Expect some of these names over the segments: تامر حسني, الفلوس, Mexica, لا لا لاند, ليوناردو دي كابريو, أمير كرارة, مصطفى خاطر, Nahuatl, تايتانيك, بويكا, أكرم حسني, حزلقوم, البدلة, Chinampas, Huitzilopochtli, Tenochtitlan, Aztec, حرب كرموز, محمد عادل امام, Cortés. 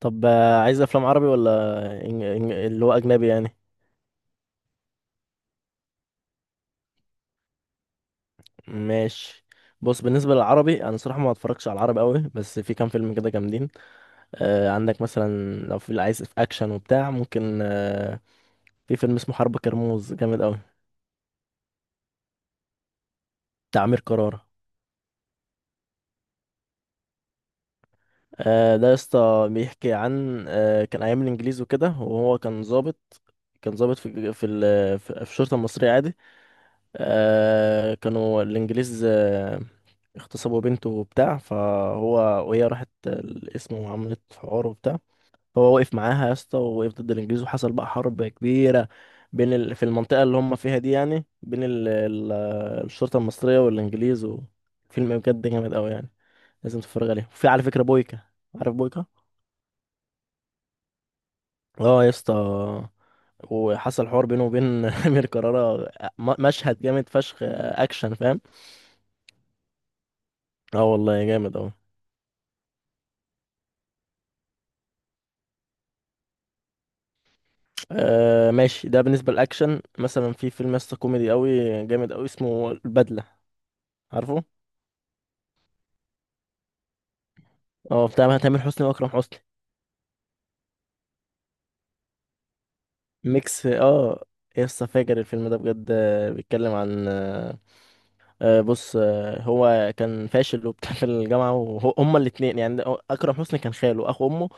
طب عايز افلام عربي ولا اللي هو اجنبي يعني. ماشي. بص، بالنسبه للعربي انا صراحه ما اتفرجش على العربي قوي، بس في كام فيلم كده جامدين. آه، عندك مثلا لو في اللي عايز في اكشن وبتاع ممكن، في فيلم اسمه حرب كرموز، جامد قوي، بتاع امير كرارة. ده يا اسطى بيحكي عن، كان ايام الانجليز وكده، وهو كان ضابط. كان ضابط في في ال... في في الشرطه المصريه عادي. كانوا الإنجليز، اغتصبوا بنته وبتاع، فهو، وهي راحت القسم وعملت حوار وبتاع. هو وقف معاها يا اسطى، ووقف ضد الإنجليز، وحصل بقى حرب كبيرة في المنطقة اللي هم فيها دي، يعني الشرطة المصرية والإنجليز. وفيلم بجد جامد أوي يعني، لازم تتفرج عليه. وفي على فكرة بويكا. عارف بويكا؟ اه يا اسطى. وحصل حوار بينه وبين أمير كرارة. مشهد جامد فشخ، آه، أكشن فاهم؟ اه والله جامد أوي. آه ماشي، ده بالنسبة للأكشن. مثلا في فيلم يسطا كوميدي أوي، جامد أوي، اسمه البدلة. عارفه؟ اه، بتاع تامر حسني وأكرم حسني. ميكس اه. يسطا فاجر الفيلم ده بجد، آه، بيتكلم عن، بص، هو كان فاشل وبتاع في الجامعة، وهما الاتنين يعني أكرم حسني كان خاله أخو أمه،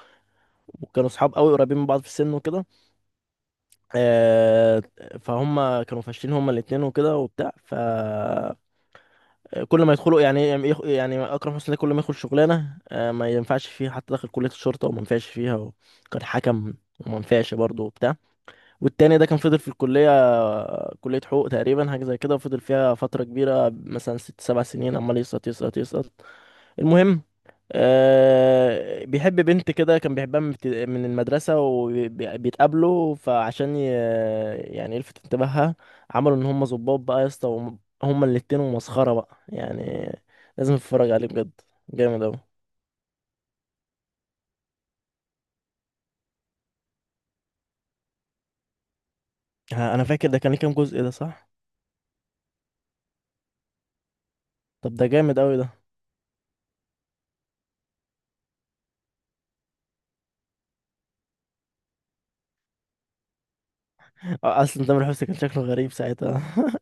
وكانوا صحاب أوي قريبين من بعض في السن وكده. آه. فهم كانوا فاشلين هما الاتنين وكده وبتاع. ف كل ما يدخلوا، يعني اكرم حسني ده كل ما يدخل شغلانه، آه، ما ينفعش فيها. حتى داخل كليه الشرطه وما ينفعش فيها، وكان حكم، وما ينفعش برضه وبتاع. والتاني ده كان فضل في الكليه، آه، كليه حقوق تقريبا، حاجه زي كده، وفضل فيها فتره كبيره مثلا 6 7 سنين، عمال يسقط يسقط يسقط. المهم، آه، بيحب بنت كده، كان بيحبها من المدرسة وبيتقابلوا، فعشان يعني يلفت انتباهها، عملوا ان هم ظباط بقى يا اسطى، هما الاتنين، ومسخرة بقى يعني. لازم تتفرج عليه بجد. جامد اوي. ها، انا فاكر ده كان ليه كام جزء ده صح؟ طب ده جامد اوي ده. آه، اصلا تامر حسني كان شكله غريب ساعتها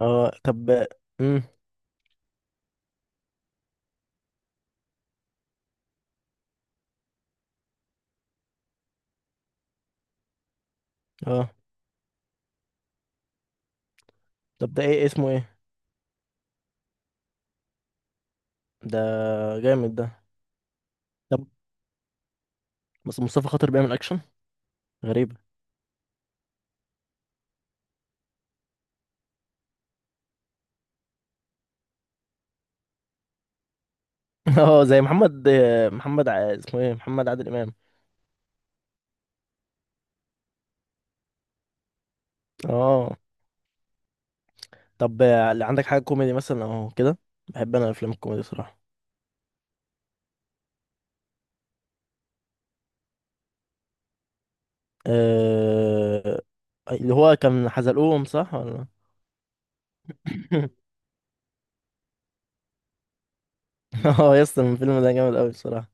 اه طب. امم اه طب، ده ايه اسمه ايه؟ ده جامد ده. طب بس مصطفى خاطر بيعمل اكشن؟ غريب. اه، زي محمد. اسمه ايه؟ محمد عادل امام. اه، طب، عندك حاجه كوميدي مثلا او كده؟ بحب انا الافلام الكوميدي صراحه. أه... اللي هو كان حزلقوم صح ولا؟ اه، يس الفيلم ده جامد قوي الصراحه.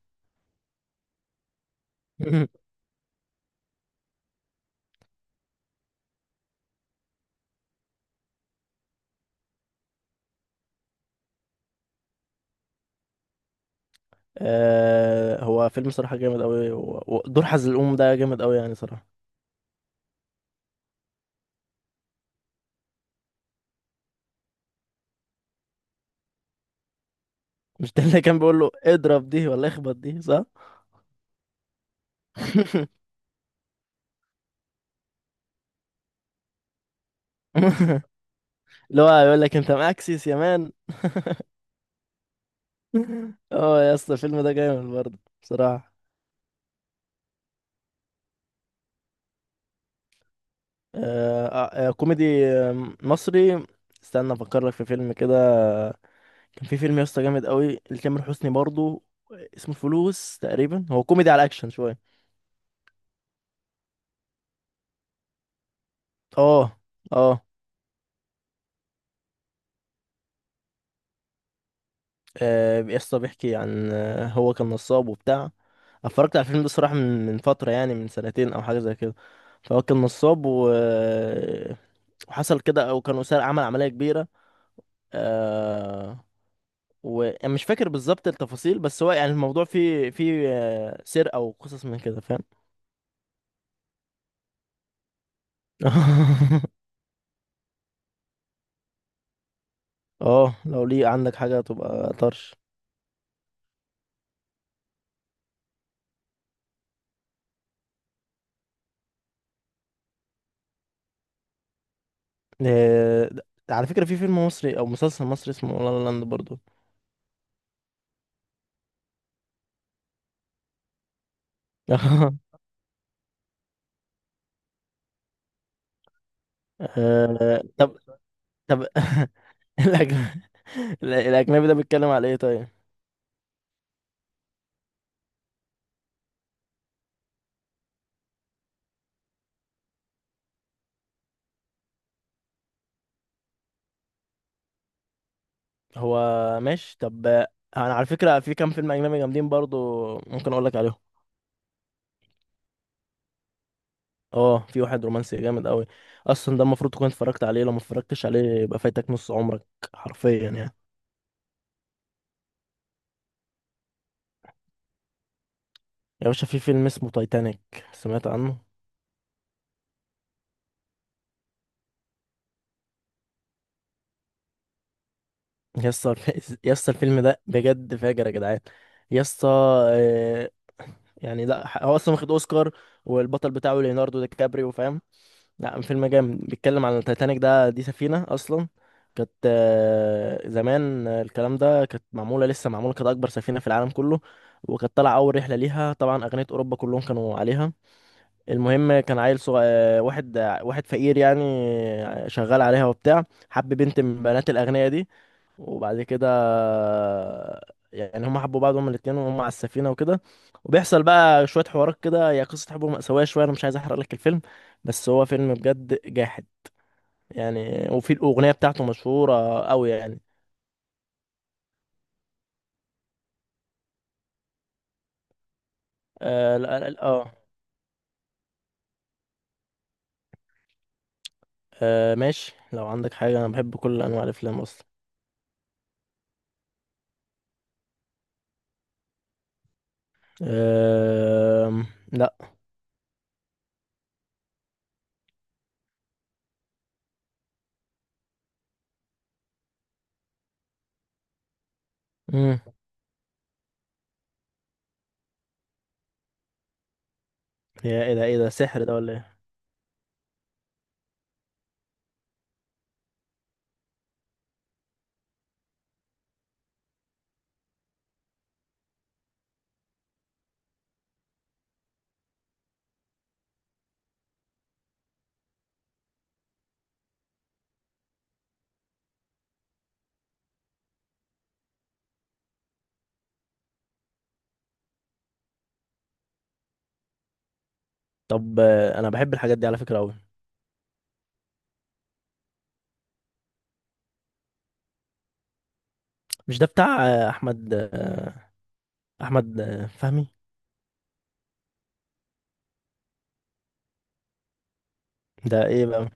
هو فيلم صراحه جامد قوي، ودور حزلقوم ده جامد قوي يعني صراحه. مش ده اللي كان بيقول له اضرب دي ولا اخبط دي صح؟ اللي هو يقول لك انت مأكسس يا مان. اه يا اسطى الفيلم ده جامد برضه بصراحة. آه، آه، آه، كوميدي، آه، مصري. استنى افكر لك في فيلم كده. كان في فيلم يا اسطى جامد قوي لتامر حسني برضه، اسمه الفلوس تقريبا. هو كوميدي على اكشن شوية. اه. اه. آه، يا اسطى بيحكي عن، آه، هو كان نصاب وبتاع. اتفرجت على الفيلم ده الصراحة من فترة، يعني من سنتين او حاجة زي كده. فهو كان نصاب و... آه، وحصل كده، او كانوا سرق، عمل عملية كبيرة. آه. وانا مش فاكر بالظبط التفاصيل، بس هو يعني الموضوع فيه، آه، سرقة وقصص من كده فاهم. اه، لو ليه عندك حاجة تبقى طرش. آه، د- على فكرة في فيلم مصري او مسلسل مصري اسمه لا لا لاند برضو. آه، طب. طب الأجن- الاجنبي ده بيتكلم على ايه طيب؟ هو ماشي طب، آه، انا على فكرة في كام فيلم اجنبي جامدين برضو ممكن اقول لك عليهم. اه، في واحد رومانسي جامد قوي. اصلا ده المفروض تكون اتفرجت عليه، لو ما اتفرجتش عليه يبقى فايتك نص عمرك، حرفيا يعني. يا باشا في فيلم اسمه تايتانيك، سمعت عنه؟ يسطا يسطا الفيلم ده بجد فاجر يا جدعان. يسطا، آه، يعني، لا ح- هو اصلا واخد اوسكار، والبطل بتاعه ليوناردو دي كابريو فاهم. لا، فيلم جامد، بيتكلم عن التايتانيك. ده دي سفينة أصلا، كانت، آه، زمان، آه، الكلام ده كانت معمولة، لسه معمولة، كانت أكبر سفينة في العالم كله. وكانت طالعة أول رحلة ليها، طبعا أغنية أوروبا كلهم كانوا عليها. المهم، كان عيل صغير واحد، آه، واحد فقير يعني، آه، شغال عليها وبتاع. حب بنت من بنات الأغنياء دي. وبعد كده يعني هما حبوا بعض هما الاتنين، وهم على السفينة وكده. وبيحصل بقى شوية حوارات كده. هي قصة حب مأساوية شوية، أنا مش عايز أحرق لك الفيلم. بس هو فيلم بجد جاحد يعني. وفي الأغنية بتاعته مشهورة أوي يعني. آه، لا لا لا، آه، آه ماشي، لو عندك حاجة أنا بحب كل أنواع الأفلام أصلا. آه لا. مم. يا إيه ده، إيه ده سحر ده ولا إيه؟ طب، أنا بحب الحاجات دي على فكرة أوي. مش ده بتاع أحمد، أحمد، فهمي؟ ده إيه بقى؟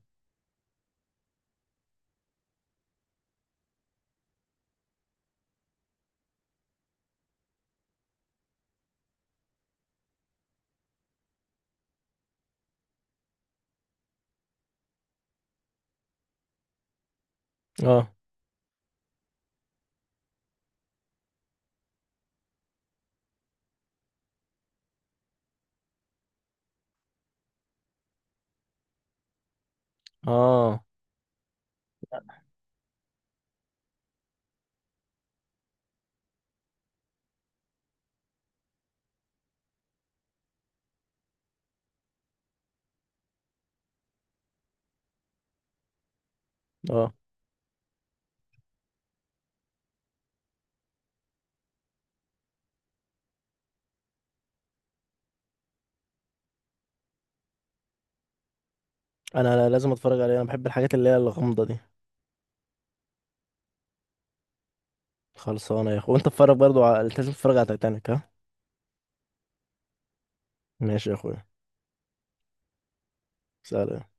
اه. اه. اه. أنا لازم اتفرج عليه، انا بحب الحاجات اللي هي الغامضه دي. خلصانه يا اخو، وانت اتفرج برضو لازم تتفرج على تايتانيك، ها؟ ماشي يا اخويا. سلام.